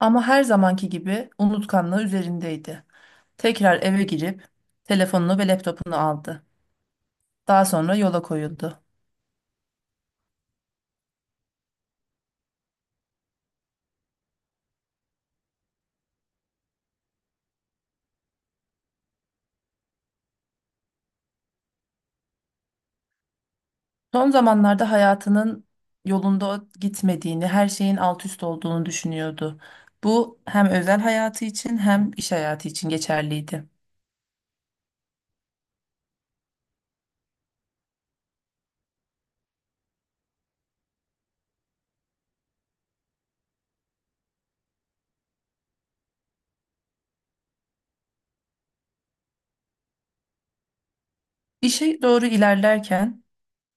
Ama her zamanki gibi unutkanlığı üzerindeydi. Tekrar eve girip telefonunu ve laptopunu aldı. Daha sonra yola koyuldu. Son zamanlarda hayatının yolunda gitmediğini, her şeyin alt üst olduğunu düşünüyordu. Bu hem özel hayatı için hem iş hayatı için geçerliydi. İşe doğru ilerlerken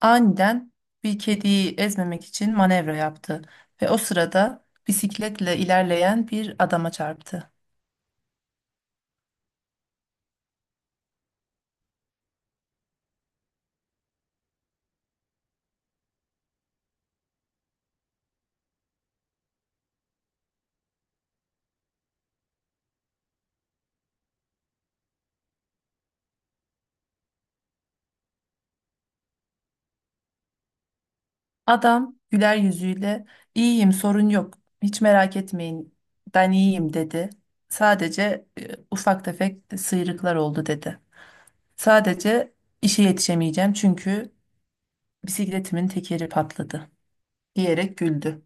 aniden bir kediyi ezmemek için manevra yaptı ve o sırada bisikletle ilerleyen bir adama çarptı. Adam güler yüzüyle, iyiyim sorun yok, hiç merak etmeyin, ben iyiyim," dedi. "Sadece ufak tefek sıyrıklar oldu," dedi. "Sadece işe yetişemeyeceğim çünkü bisikletimin tekeri patladı," diyerek güldü.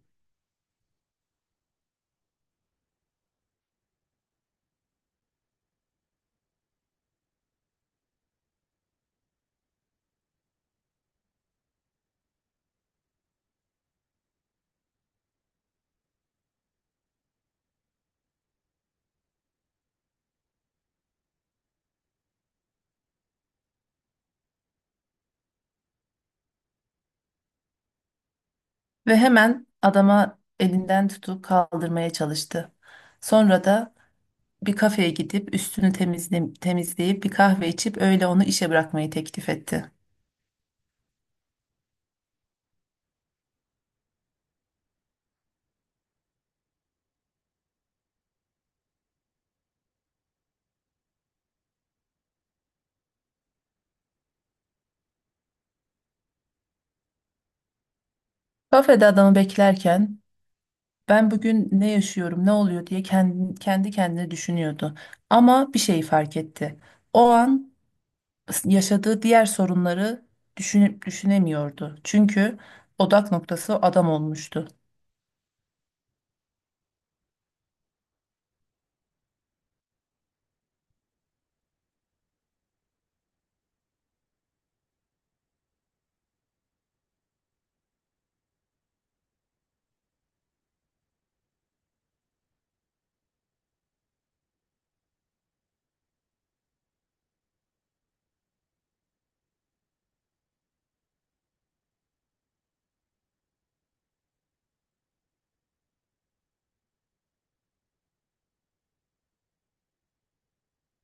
Ve hemen adama elinden tutup kaldırmaya çalıştı. Sonra da bir kafeye gidip üstünü temizleyip bir kahve içip öyle onu işe bırakmayı teklif etti. Kafede adamı beklerken, "Ben bugün ne yaşıyorum, ne oluyor?" diye kendi kendine düşünüyordu. Ama bir şey fark etti. O an yaşadığı diğer sorunları düşünüp düşünemiyordu. Çünkü odak noktası adam olmuştu.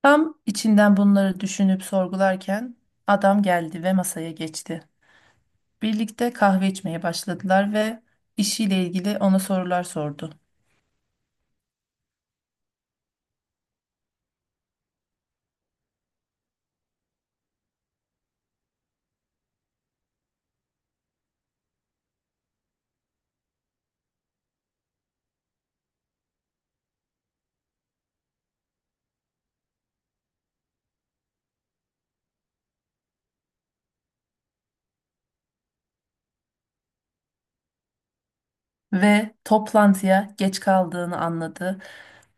Tam içinden bunları düşünüp sorgularken adam geldi ve masaya geçti. Birlikte kahve içmeye başladılar ve işiyle ilgili ona sorular sordu. Ve toplantıya geç kaldığını anladı.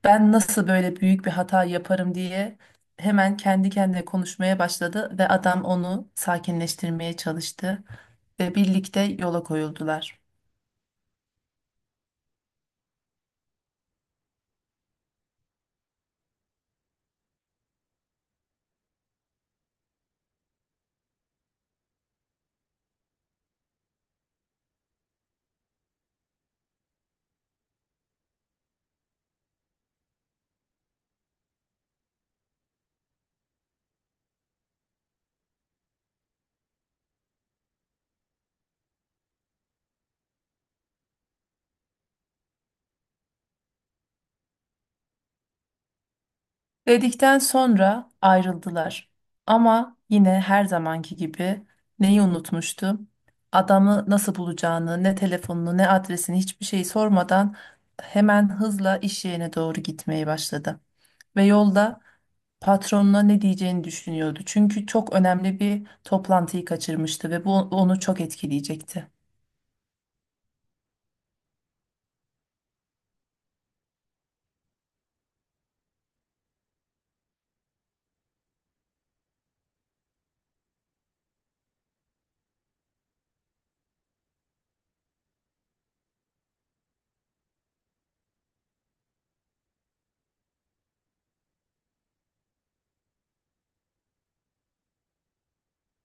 "Ben nasıl böyle büyük bir hata yaparım?" diye hemen kendi kendine konuşmaya başladı ve adam onu sakinleştirmeye çalıştı ve birlikte yola koyuldular. Dedikten sonra ayrıldılar. Ama yine her zamanki gibi neyi unutmuştu? Adamı nasıl bulacağını, ne telefonunu, ne adresini, hiçbir şey sormadan hemen hızla iş yerine doğru gitmeye başladı. Ve yolda patronuna ne diyeceğini düşünüyordu. Çünkü çok önemli bir toplantıyı kaçırmıştı ve bu onu çok etkileyecekti.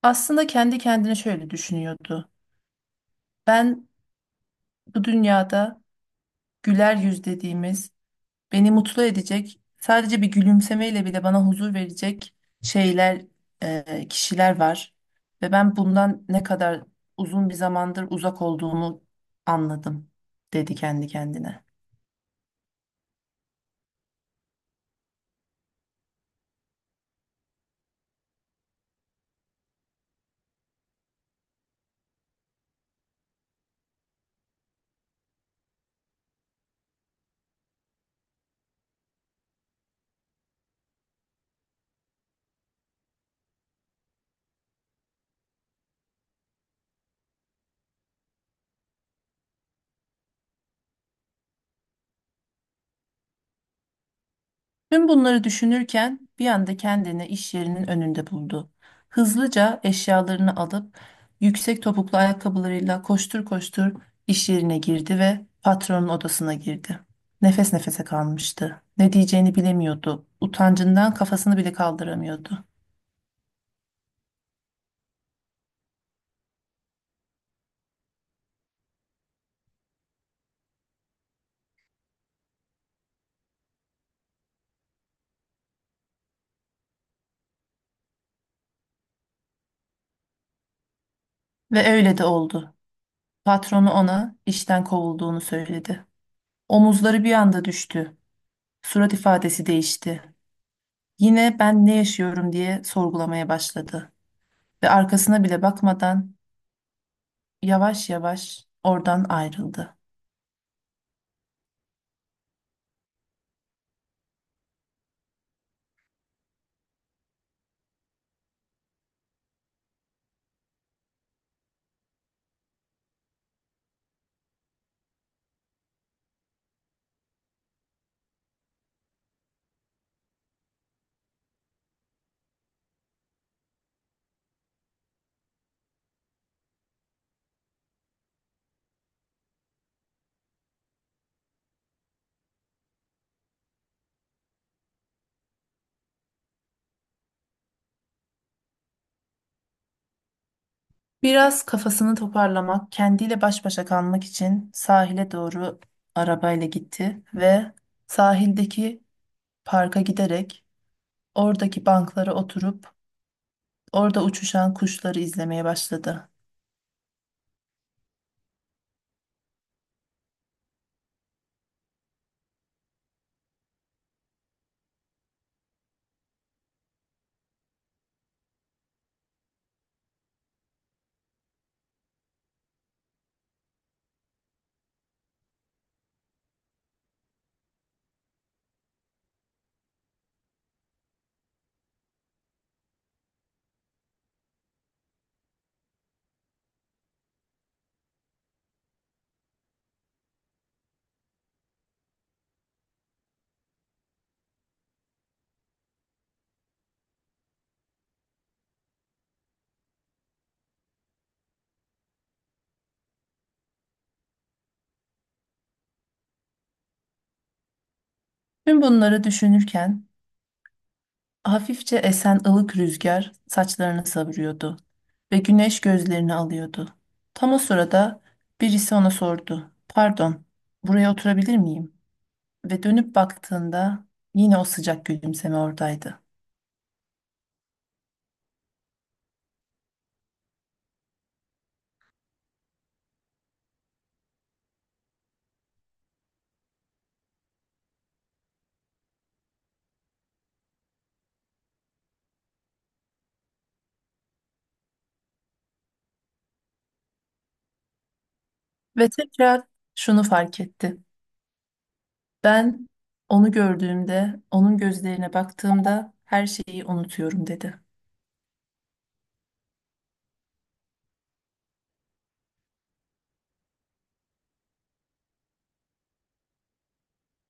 Aslında kendi kendine şöyle düşünüyordu: "Ben bu dünyada güler yüz dediğimiz, beni mutlu edecek, sadece bir gülümsemeyle bile bana huzur verecek şeyler, kişiler var. Ve ben bundan ne kadar uzun bir zamandır uzak olduğumu anladım," dedi kendi kendine. Tüm bunları düşünürken bir anda kendini iş yerinin önünde buldu. Hızlıca eşyalarını alıp yüksek topuklu ayakkabılarıyla koştur koştur iş yerine girdi ve patronun odasına girdi. Nefes nefese kalmıştı. Ne diyeceğini bilemiyordu. Utancından kafasını bile kaldıramıyordu. Ve öyle de oldu. Patronu ona işten kovulduğunu söyledi. Omuzları bir anda düştü. Surat ifadesi değişti. Yine, "Ben ne yaşıyorum?" diye sorgulamaya başladı. Ve arkasına bile bakmadan yavaş yavaş oradan ayrıldı. Biraz kafasını toparlamak, kendiyle baş başa kalmak için sahile doğru arabayla gitti ve sahildeki parka giderek oradaki banklara oturup orada uçuşan kuşları izlemeye başladı. Tüm bunları düşünürken hafifçe esen ılık rüzgar saçlarını savuruyordu ve güneş gözlerini alıyordu. Tam o sırada birisi ona sordu: "Pardon, buraya oturabilir miyim?" Ve dönüp baktığında yine o sıcak gülümseme oradaydı. Ve tekrar şunu fark etti. "Ben onu gördüğümde, onun gözlerine baktığımda her şeyi unutuyorum," dedi.